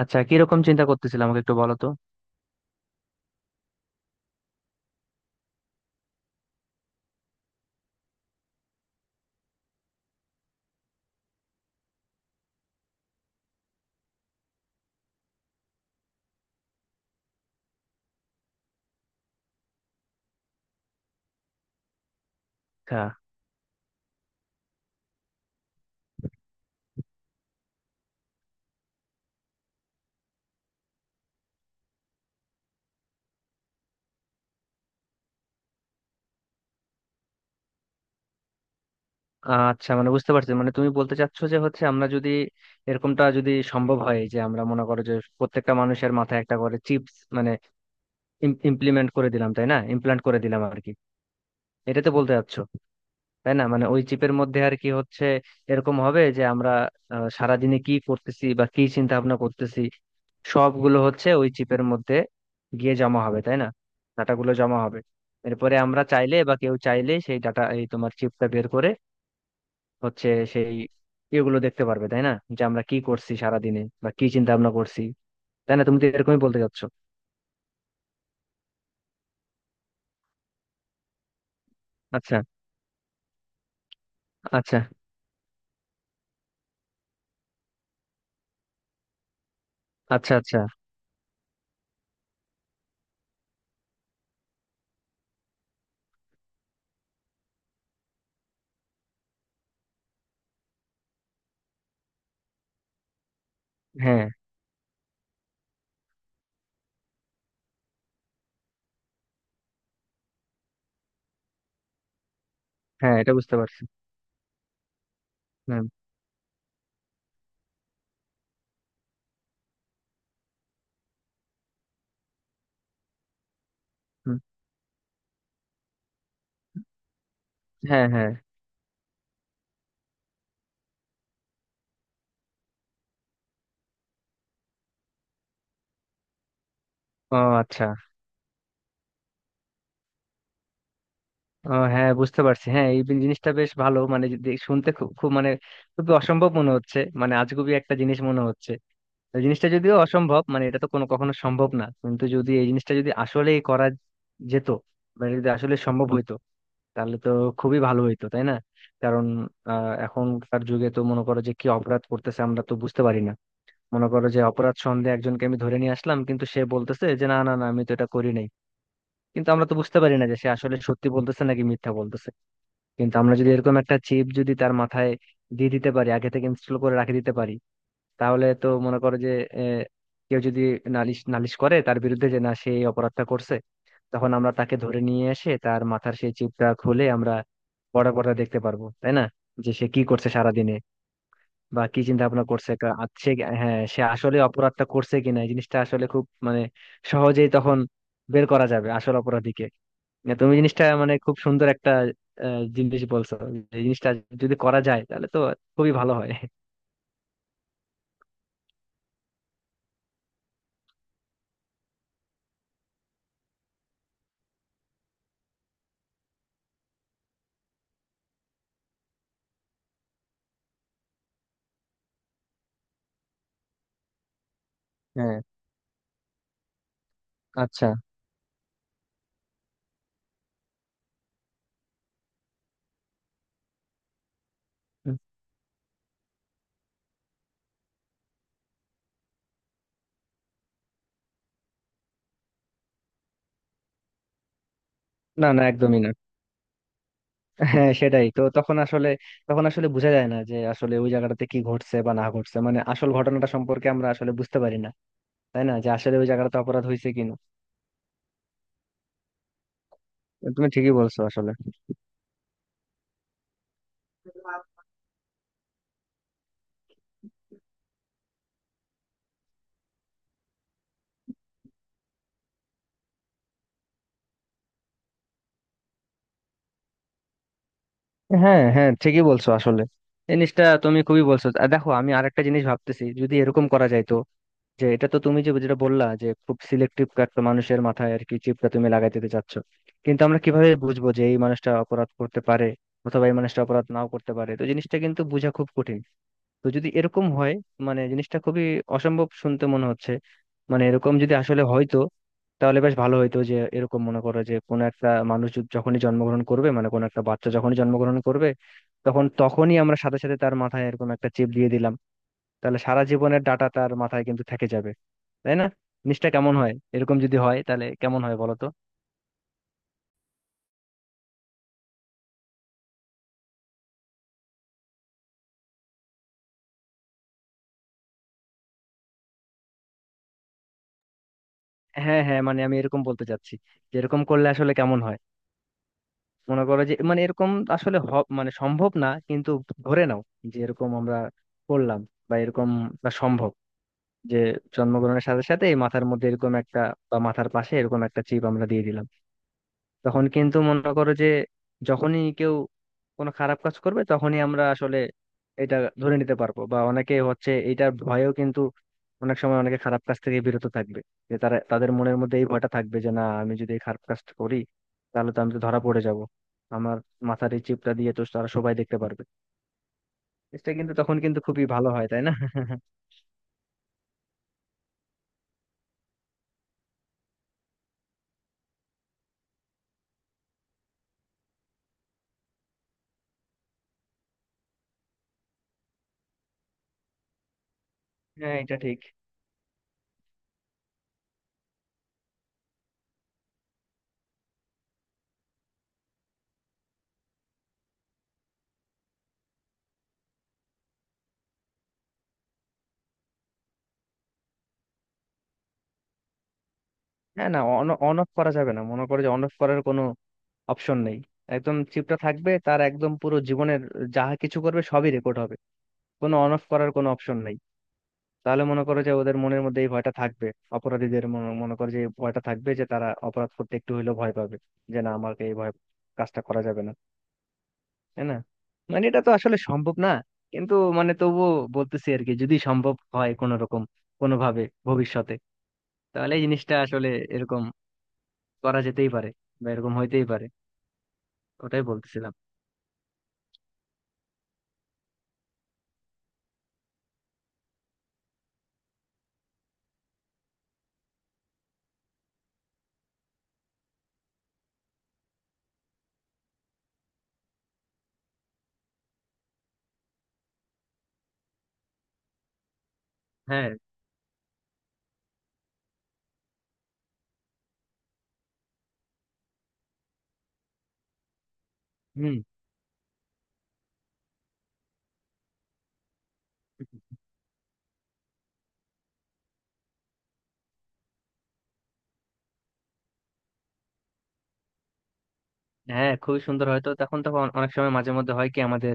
আচ্ছা, কিরকম চিন্তা করতেছিল আমাকে একটু বলো তো। আচ্ছা আচ্ছা, মানে বুঝতে পারছি। মানে তুমি বলতে চাচ্ছ যে হচ্ছে আমরা যদি এরকমটা যদি সম্ভব হয় যে আমরা মনে করো যে প্রত্যেকটা মানুষের মাথায় একটা করে চিপস, মানে ইমপ্লিমেন্ট করে দিলাম, তাই না? ইমপ্লান্ট করে দিলাম আর কি। এটা তো বলতে চাচ্ছ, তাই না? মানে ওই চিপের মধ্যে আর কি হচ্ছে এরকম হবে যে আমরা সারাদিনে কি করতেছি বা কি চিন্তা ভাবনা করতেছি সবগুলো হচ্ছে ওই চিপের মধ্যে গিয়ে জমা হবে, তাই না? ডাটাগুলো জমা হবে। এরপরে আমরা চাইলে বা কেউ চাইলে সেই ডাটা এই তোমার চিপটা বের করে হচ্ছে সেই ইয়েগুলো দেখতে পারবে, তাই না? যে আমরা কি করছি সারা দিনে বা কি চিন্তা ভাবনা করছি। তাই না? তুমি তো এরকমই বলতে চাচ্ছ। আচ্ছা আচ্ছা আচ্ছা আচ্ছা। হ্যাঁ হ্যাঁ, এটা বুঝতে পারছি। হ্যাঁ। হুম। হ্যাঁ হ্যাঁ। ও আচ্ছা। ও হ্যাঁ, বুঝতে পারছি। হ্যাঁ, এই জিনিসটা বেশ ভালো। মানে শুনতে খুব খুব মানে খুবই অসম্ভব মনে হচ্ছে, মানে আজগুবি একটা জিনিস মনে হচ্ছে। এই জিনিসটা যদিও অসম্ভব, মানে এটা তো কোনো কখনো সম্ভব না, কিন্তু যদি এই জিনিসটা যদি আসলেই করা যেত, মানে যদি আসলে সম্ভব হইতো, তাহলে তো খুবই ভালো হইতো, তাই না? কারণ এখনকার যুগে তো মনে করো যে কি অপরাধ করতেছে আমরা তো বুঝতে পারি না। মনে করো যে অপরাধ সন্দেহে একজনকে আমি ধরে নিয়ে আসলাম, কিন্তু সে বলতেছে যে না না না, আমি তো এটা করি নাই। কিন্তু আমরা তো বুঝতে পারি না যে সে আসলে সত্যি বলতেছে নাকি মিথ্যা বলতেছে। কিন্তু আমরা যদি এরকম একটা চিপ যদি তার মাথায় দিয়ে দিতে পারি, আগে থেকে ইনস্টল করে রাখে দিতে পারি, তাহলে তো মনে করো যে আহ, কেউ যদি নালিশ নালিশ করে তার বিরুদ্ধে যে না সে এই অপরাধটা করছে, তখন আমরা তাকে ধরে নিয়ে এসে তার মাথার সেই চিপটা খুলে আমরা বড় পর্দায় দেখতে পারবো, তাই না? যে সে কি করছে সারাদিনে বা কি চিন্তা ভাবনা করছে। সে হ্যাঁ সে আসলে অপরাধটা করছে কিনা এই জিনিসটা আসলে খুব মানে সহজেই তখন বের করা যাবে আসল অপরাধীকে। না, তুমি জিনিসটা মানে খুব সুন্দর একটা জিনিস বলছো। এই জিনিসটা যদি করা যায় তাহলে তো খুবই ভালো হয়। হ্যাঁ। আচ্ছা। না না, একদমই না। হ্যাঁ, সেটাই তো। তখন আসলে তখন আসলে বোঝা যায় না যে আসলে ওই জায়গাটাতে কি ঘটছে বা না ঘটছে, মানে আসল ঘটনাটা সম্পর্কে আমরা আসলে বুঝতে পারি না, তাই না? যে আসলে ওই জায়গাটাতে অপরাধ হয়েছে কিনা। তুমি ঠিকই বলছো আসলে। হ্যাঁ হ্যাঁ, ঠিকই বলছো আসলে। এই জিনিসটা তুমি খুবই বলছো। আর দেখো আমি আরেকটা জিনিস ভাবতেছি, যদি এরকম করা যায় তো, যে এটা তো তুমি যে যেটা বললা যে খুব সিলেক্টিভ একটা মানুষের মাথায় আর কি চিপটা তুমি লাগাই দিতে চাচ্ছ। কিন্তু আমরা কিভাবে বুঝবো যে এই মানুষটা অপরাধ করতে পারে অথবা এই মানুষটা অপরাধ নাও করতে পারে? তো জিনিসটা কিন্তু বোঝা খুব কঠিন। তো যদি এরকম হয়, মানে জিনিসটা খুবই অসম্ভব শুনতে মনে হচ্ছে, মানে এরকম যদি আসলে হয়তো, তাহলে বেশ ভালো হইতো। যে এরকম মনে করো যে কোনো একটা মানুষ যখনই জন্মগ্রহণ করবে, মানে কোনো একটা বাচ্চা যখনই জন্মগ্রহণ করবে তখন তখনই আমরা সাথে সাথে তার মাথায় এরকম একটা চিপ দিয়ে দিলাম, তাহলে সারা জীবনের ডাটা তার মাথায় কিন্তু থেকে যাবে, তাই না? জিনিসটা কেমন হয়, এরকম যদি হয় তাহলে কেমন হয় বলো তো। হ্যাঁ হ্যাঁ, মানে আমি এরকম বলতে চাচ্ছি যে এরকম করলে আসলে কেমন হয়। মনে করো যে মানে এরকম আসলে মানে সম্ভব না, কিন্তু ধরে নাও যে এরকম আমরা করলাম, বা এরকম বা সম্ভব যে জন্মগ্রহণের সাথে সাথে এই মাথার মধ্যে এরকম একটা বা মাথার পাশে এরকম একটা চিপ আমরা দিয়ে দিলাম। তখন কিন্তু মনে করো যে যখনই কেউ কোনো খারাপ কাজ করবে তখনই আমরা আসলে এটা ধরে নিতে পারবো, বা অনেকে হচ্ছে এটার ভয়েও কিন্তু অনেক সময় অনেকে খারাপ কাজ থেকে বিরত থাকবে। যে তারা তাদের মনের মধ্যে এই ভয়টা থাকবে যে না, আমি যদি এই খারাপ কাজটা করি তাহলে তো আমি তো ধরা পড়ে যাব। আমার মাথার এই চিপটা দিয়ে তো তারা সবাই দেখতে পারবে। এটা কিন্তু তখন কিন্তু খুবই ভালো হয়, তাই না? হ্যাঁ, এটা ঠিক। হ্যাঁ না, অন অন অফ করা যাবে না। মনে করো যে অন অফ করার কোনো অপশন নেই। একদম চিপটা থাকবে তার একদম পুরো জীবনের, যাহা কিছু করবে সবই রেকর্ড হবে, কোনো অন অফ করার কোনো অপশন নেই। তাহলে মনে করো যে ওদের মনের মধ্যে এই ভয়টা থাকবে, অপরাধীদের মনে মনে করো যে এই ভয়টা থাকবে যে তারা অপরাধ করতে একটু হলেও ভয় পাবে, যে না আমাকে এই ভয় কাজটা করা যাবে না, তাই না? মানে এটা তো আসলে সম্ভব না, কিন্তু মানে তবুও বলতেছি আর কি, যদি সম্ভব হয় কোনো রকম কোনোভাবে ভবিষ্যতে, তাহলে এই জিনিসটা আসলে এরকম করা যেতেই পারে বা এরকম হইতেই পারে। ওটাই বলতেছিলাম। হ্যাঁ। হুম। হ্যাঁ, খুবই সুন্দর হয়তো। তখন তখন অনেক সময় মাঝে মধ্যে হয় কি আমাদের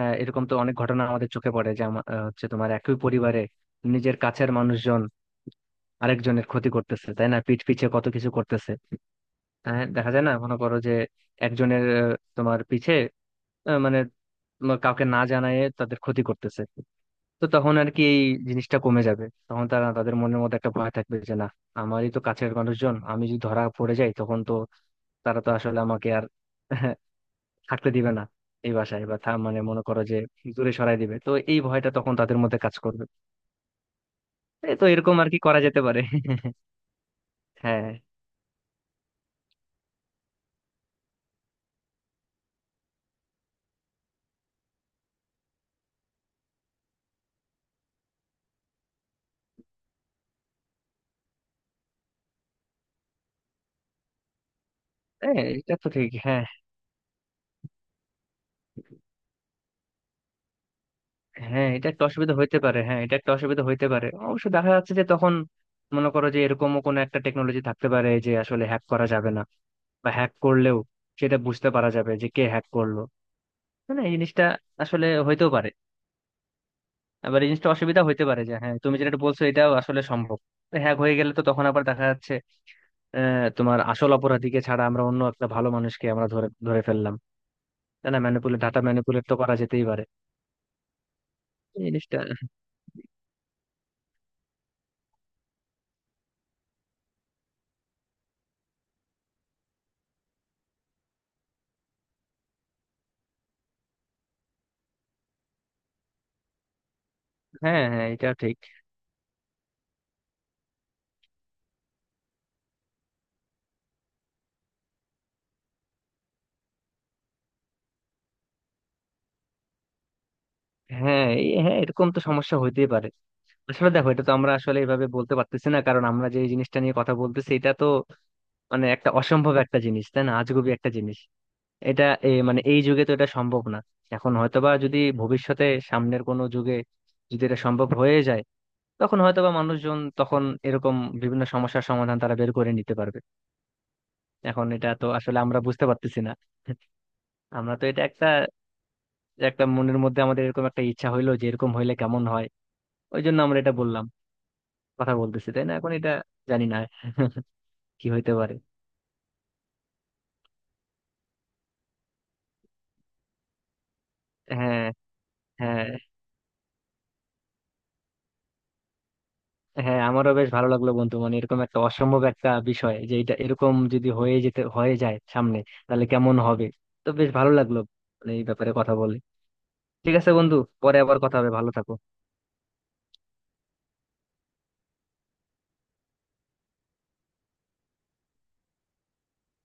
এরকম তো অনেক ঘটনা আমাদের চোখে পড়ে যে হচ্ছে তোমার একই পরিবারে নিজের কাছের মানুষজন আরেকজনের ক্ষতি করতেছে, তাই না? পিঠ পিছে কত কিছু করতেছে। হ্যাঁ দেখা যায় না, মনে করো যে একজনের তোমার পিছে মানে তোমার কাউকে না জানায় তাদের ক্ষতি করতেছে। তো তখন আর কি এই জিনিসটা কমে যাবে। তখন তারা তাদের মনের মধ্যে একটা ভয় থাকবে যে না, আমারই তো কাছের মানুষজন, আমি যদি ধরা পড়ে যাই তখন তো তারা তো আসলে আমাকে আর থাকতে দিবে না এই বাসায় বা মানে মনে করো যে দূরে সরাই দিবে। তো এই ভয়টা তখন তাদের মধ্যে কাজ করবে। এই তো, এরকম আর কি করা যেতে পারে। হ্যাঁ হ্যাঁ, এটা তো ঠিক। হ্যাঁ হ্যাঁ, এটা একটা অসুবিধা হইতে পারে। হ্যাঁ, এটা একটা অসুবিধা হইতে পারে। অবশ্য দেখা যাচ্ছে যে তখন মনে করো যে এরকমও কোনো একটা টেকনোলজি থাকতে পারে যে আসলে হ্যাক করা যাবে না, বা হ্যাক করলেও সেটা বুঝতে পারা যাবে যে কে হ্যাক করলো। মানে এই জিনিসটা আসলে হইতেও পারে। আবার এই জিনিসটা অসুবিধা হইতে পারে, যে হ্যাঁ তুমি যেটা বলছো এটাও আসলে সম্ভব। হ্যাক হয়ে গেলে তো তখন আবার দেখা যাচ্ছে তোমার আসল অপরাধীকে ছাড়া আমরা অন্য একটা ভালো মানুষকে আমরা ধরে ধরে ফেললাম, তাই না? ম্যানিপুলেট, ডাটা ম্যানিপুলেট তো করা যেতেই পারে এই জিনিসটা। হ্যাঁ হ্যাঁ, এটা ঠিক। হ্যাঁ হ্যাঁ, এরকম তো সমস্যা হইতেই পারে। আসলে দেখো এটা তো আমরা আসলে এইভাবে বলতে পারতেছি না, কারণ আমরা যে এই জিনিসটা নিয়ে কথা বলতেছি এটা তো মানে একটা অসম্ভব একটা জিনিস, তাই না? আজগুবি একটা জিনিস। এটা মানে এই যুগে তো এটা সম্ভব না। এখন হয়তোবা যদি ভবিষ্যতে সামনের কোনো যুগে যদি এটা সম্ভব হয়ে যায়, তখন হয়তোবা মানুষজন তখন এরকম বিভিন্ন সমস্যার সমাধান তারা বের করে নিতে পারবে। এখন এটা তো আসলে আমরা বুঝতে পারতেছি না। আমরা তো এটা একটা একটা মনের মধ্যে আমাদের এরকম একটা ইচ্ছা হইলো যে এরকম হইলে কেমন হয়, ওই জন্য আমরা এটা বললাম, কথা বলতেছি, তাই না? এখন এটা জানি না কি হইতে পারে। হ্যাঁ। হ্যাঁ। হ্যাঁ, আমারও বেশ ভালো লাগলো বন্ধু। মানে এরকম একটা অসম্ভব একটা বিষয় যে এটা এরকম যদি হয়ে যায় সামনে, তাহলে কেমন হবে। তো বেশ ভালো লাগলো মানে এই ব্যাপারে কথা বলে। ঠিক আছে বন্ধু, পরে আবার কথা হবে। ভালো থাকো।